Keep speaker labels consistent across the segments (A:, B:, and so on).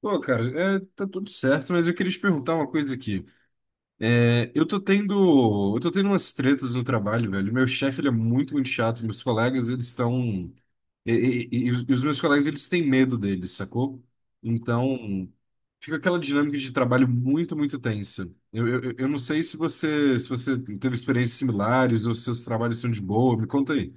A: Pô, cara, é, tá tudo certo, mas eu queria te perguntar uma coisa aqui. É, eu tô tendo umas tretas no trabalho, velho. Meu chefe, ele é muito, muito chato. Meus colegas, eles estão... E os meus colegas, eles têm medo dele, sacou? Então, fica aquela dinâmica de trabalho muito, muito tensa. Eu não sei se você teve experiências similares ou se seus trabalhos são de boa. Me conta aí.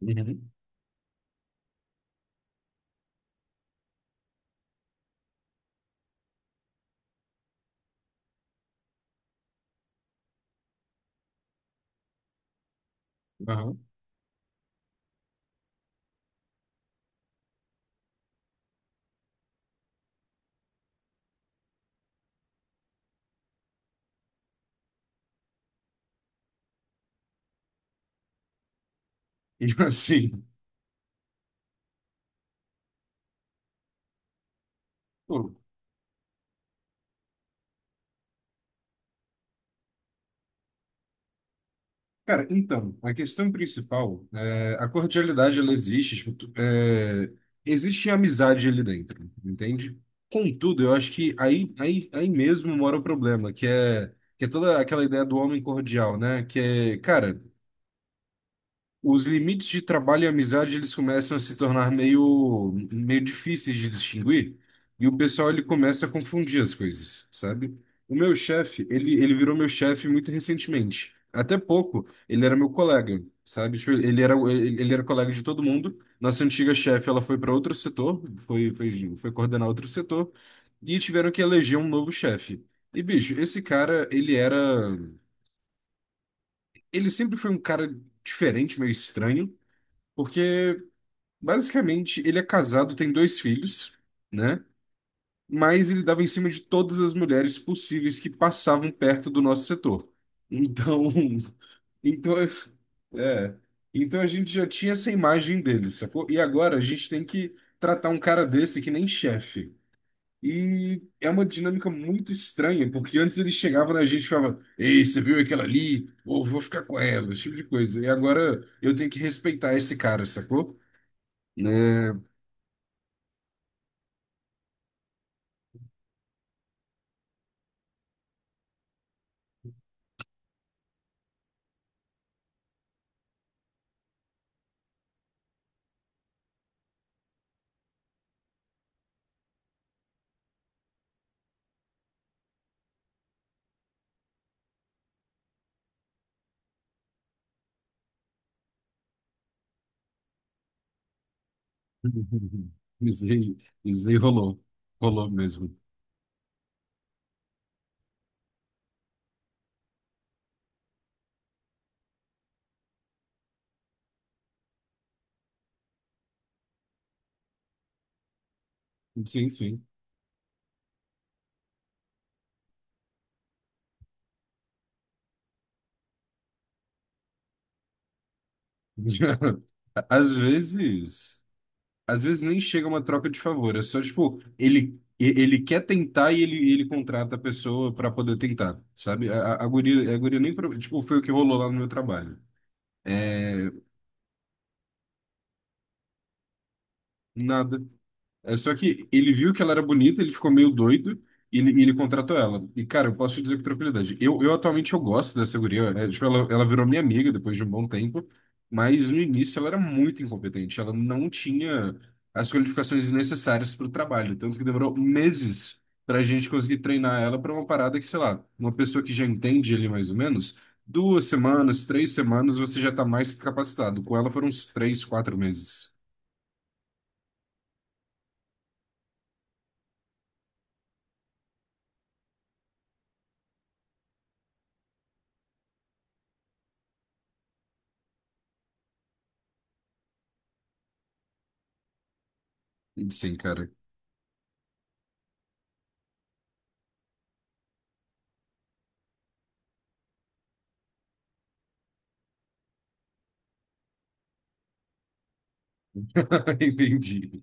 A: Uhum. Aham. Assim, cara, então, a questão principal, é, a cordialidade, ela existe, tipo, é, existe amizade ali dentro, entende? Contudo, eu acho que aí mesmo mora o problema, que é toda aquela ideia do homem cordial, né? Que é, cara, os limites de trabalho e amizade eles começam a se tornar meio, meio difíceis de distinguir e o pessoal ele começa a confundir as coisas, sabe? O meu chefe, ele virou meu chefe muito recentemente. Até pouco, ele era meu colega, sabe? Tipo, ele era colega de todo mundo. Nossa antiga chefe, ela foi para outro setor, foi coordenar outro setor e tiveram que eleger um novo chefe. E, bicho, esse cara, ele era. Ele sempre foi um cara diferente, meio estranho, porque basicamente, ele é casado, tem dois filhos, né? Mas ele dava em cima de todas as mulheres possíveis que passavam perto do nosso setor. Então, então, é, então a gente já tinha essa imagem dele, sacou? E agora a gente tem que tratar um cara desse que nem chefe. E é uma dinâmica muito estranha, porque antes ele chegava na gente e falava: Ei, você viu aquela ali? Ou vou ficar com ela, esse tipo de coisa. E agora eu tenho que respeitar esse cara, sacou? Né. Uhum. Isso aí isso aí rolou. Rolou mesmo. Sim, sim. Às vezes, às vezes nem chega uma troca de favor, é só tipo, ele quer tentar e ele contrata a pessoa para poder tentar, sabe? A guria nem, pro- tipo, foi o que rolou lá no meu trabalho. É, nada. É, só que ele viu que ela era bonita, ele ficou meio doido e e ele contratou ela. E, cara, eu posso te dizer com tranquilidade. Eu atualmente eu gosto dessa guria. É, tipo, ela virou minha amiga depois de um bom tempo, mas no início ela era muito incompetente. Ela não tinha as qualificações necessárias para o trabalho. Tanto que demorou meses para a gente conseguir treinar ela para uma parada que, sei lá, uma pessoa que já entende ele mais ou menos, duas semanas, três semanas, você já está mais que capacitado. Com ela foram uns três, quatro meses. Sim, cara. Entendi.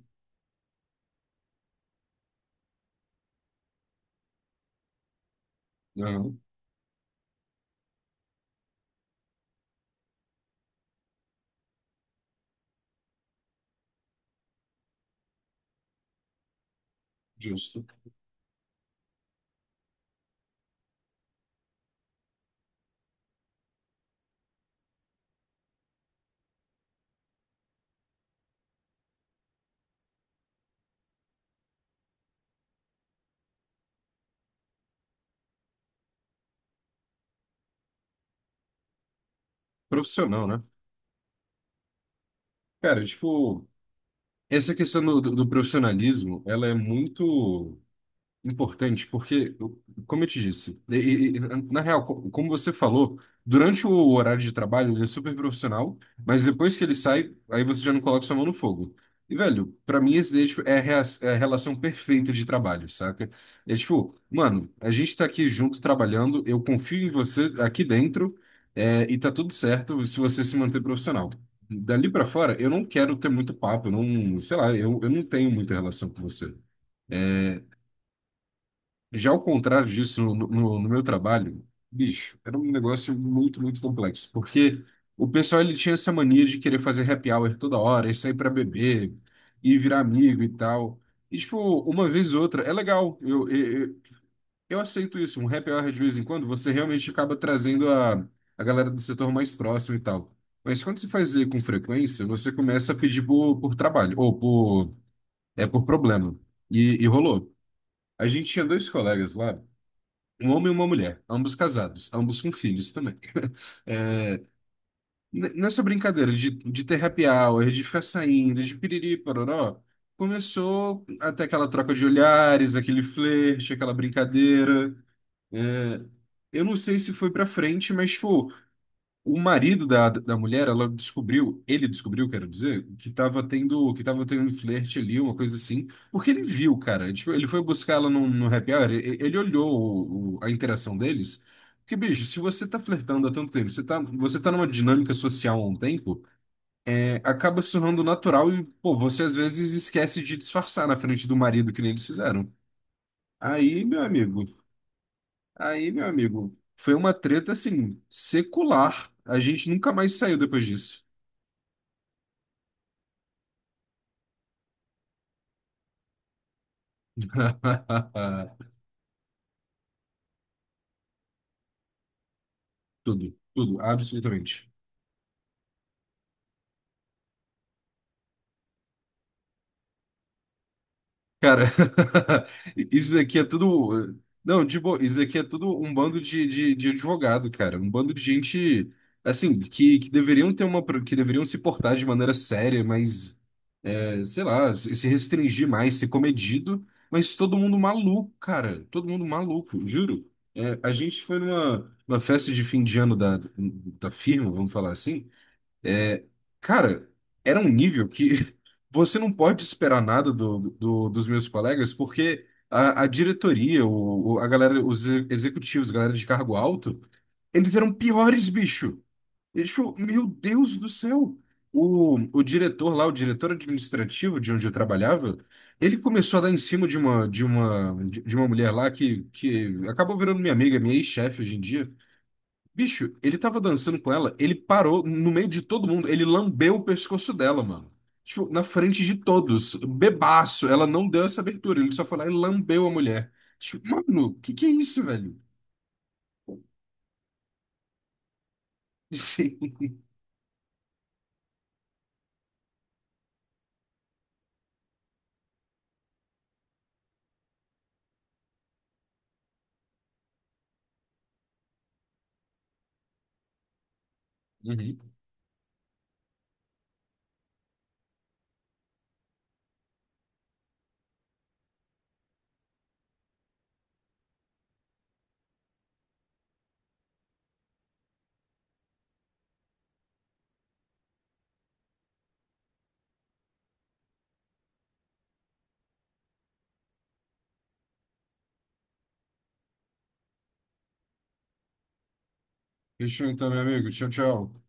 A: Não, justo. Profissional, né? Cara, tipo, essa questão do, do profissionalismo, ela é muito importante, porque, como eu te disse, na real, como você falou, durante o horário de trabalho ele é super profissional, mas depois que ele sai, aí você já não coloca sua mão no fogo. E, velho, pra mim esse daí é, tipo, é a, é a relação perfeita de trabalho, saca? É tipo, mano, a gente tá aqui junto trabalhando, eu confio em você aqui dentro, é, e tá tudo certo se você se manter profissional. Dali pra fora, eu não quero ter muito papo, eu não, sei lá, eu não tenho muita relação com você. Já ao contrário disso, no meu trabalho, bicho, era um negócio muito, muito complexo, porque o pessoal ele tinha essa mania de querer fazer happy hour toda hora, e sair para beber, e virar amigo e tal. E, tipo, uma vez ou outra, é legal, eu eu aceito isso, um happy hour de vez em quando, você realmente acaba trazendo a galera do setor mais próximo e tal. Mas quando se faz com frequência, você começa a pedir por trabalho, ou por, é por problema. E rolou. A gente tinha dois colegas lá, um homem e uma mulher, ambos casados, ambos com filhos também. É, nessa brincadeira de ter happy hour, de ficar saindo, de piriri, pororó, começou até aquela troca de olhares, aquele flerte, aquela brincadeira. É, eu não sei se foi pra frente, mas, pô, o marido da mulher, ela descobriu, ele descobriu, quero dizer, que que tava tendo um flerte ali, uma coisa assim, porque ele viu, cara. Tipo, ele foi buscar ela no happy hour, ele olhou a interação deles. Porque, bicho, se você tá flertando há tanto tempo, você tá numa dinâmica social há um tempo, é, acaba se tornando natural e, pô, você às vezes esquece de disfarçar na frente do marido, que nem eles fizeram. Aí, meu amigo, aí, meu amigo, foi uma treta, assim, secular. A gente nunca mais saiu depois disso. Tudo, tudo, absolutamente. Cara, isso daqui é tudo. Não, de boa, isso daqui é tudo um bando de advogado, cara. Um bando de gente, assim, que deveriam ter uma. Que deveriam se portar de maneira séria, mas, é, sei lá, se se restringir mais, ser comedido. Mas todo mundo maluco, cara. Todo mundo maluco, juro. É, a gente foi numa festa de fim de ano da firma, vamos falar assim. É, cara, era um nível que você não pode esperar nada do, dos meus colegas, porque a, a galera, os executivos, galera de cargo alto, eles eram piores, bicho. E, tipo, meu Deus do céu. O diretor lá, o diretor administrativo de onde eu trabalhava, ele começou a dar em cima de uma mulher lá que acabou virando minha amiga, minha ex-chefe hoje em dia. Bicho, ele tava dançando com ela, ele parou no meio de todo mundo, ele lambeu o pescoço dela, mano. Tipo, na frente de todos, bebaço, ela não deu essa abertura, ele só foi lá e lambeu a mulher. Tipo, mano, que é isso, velho? Sim. Uhum. Fechou então, meu amigo. Tchau, tchau.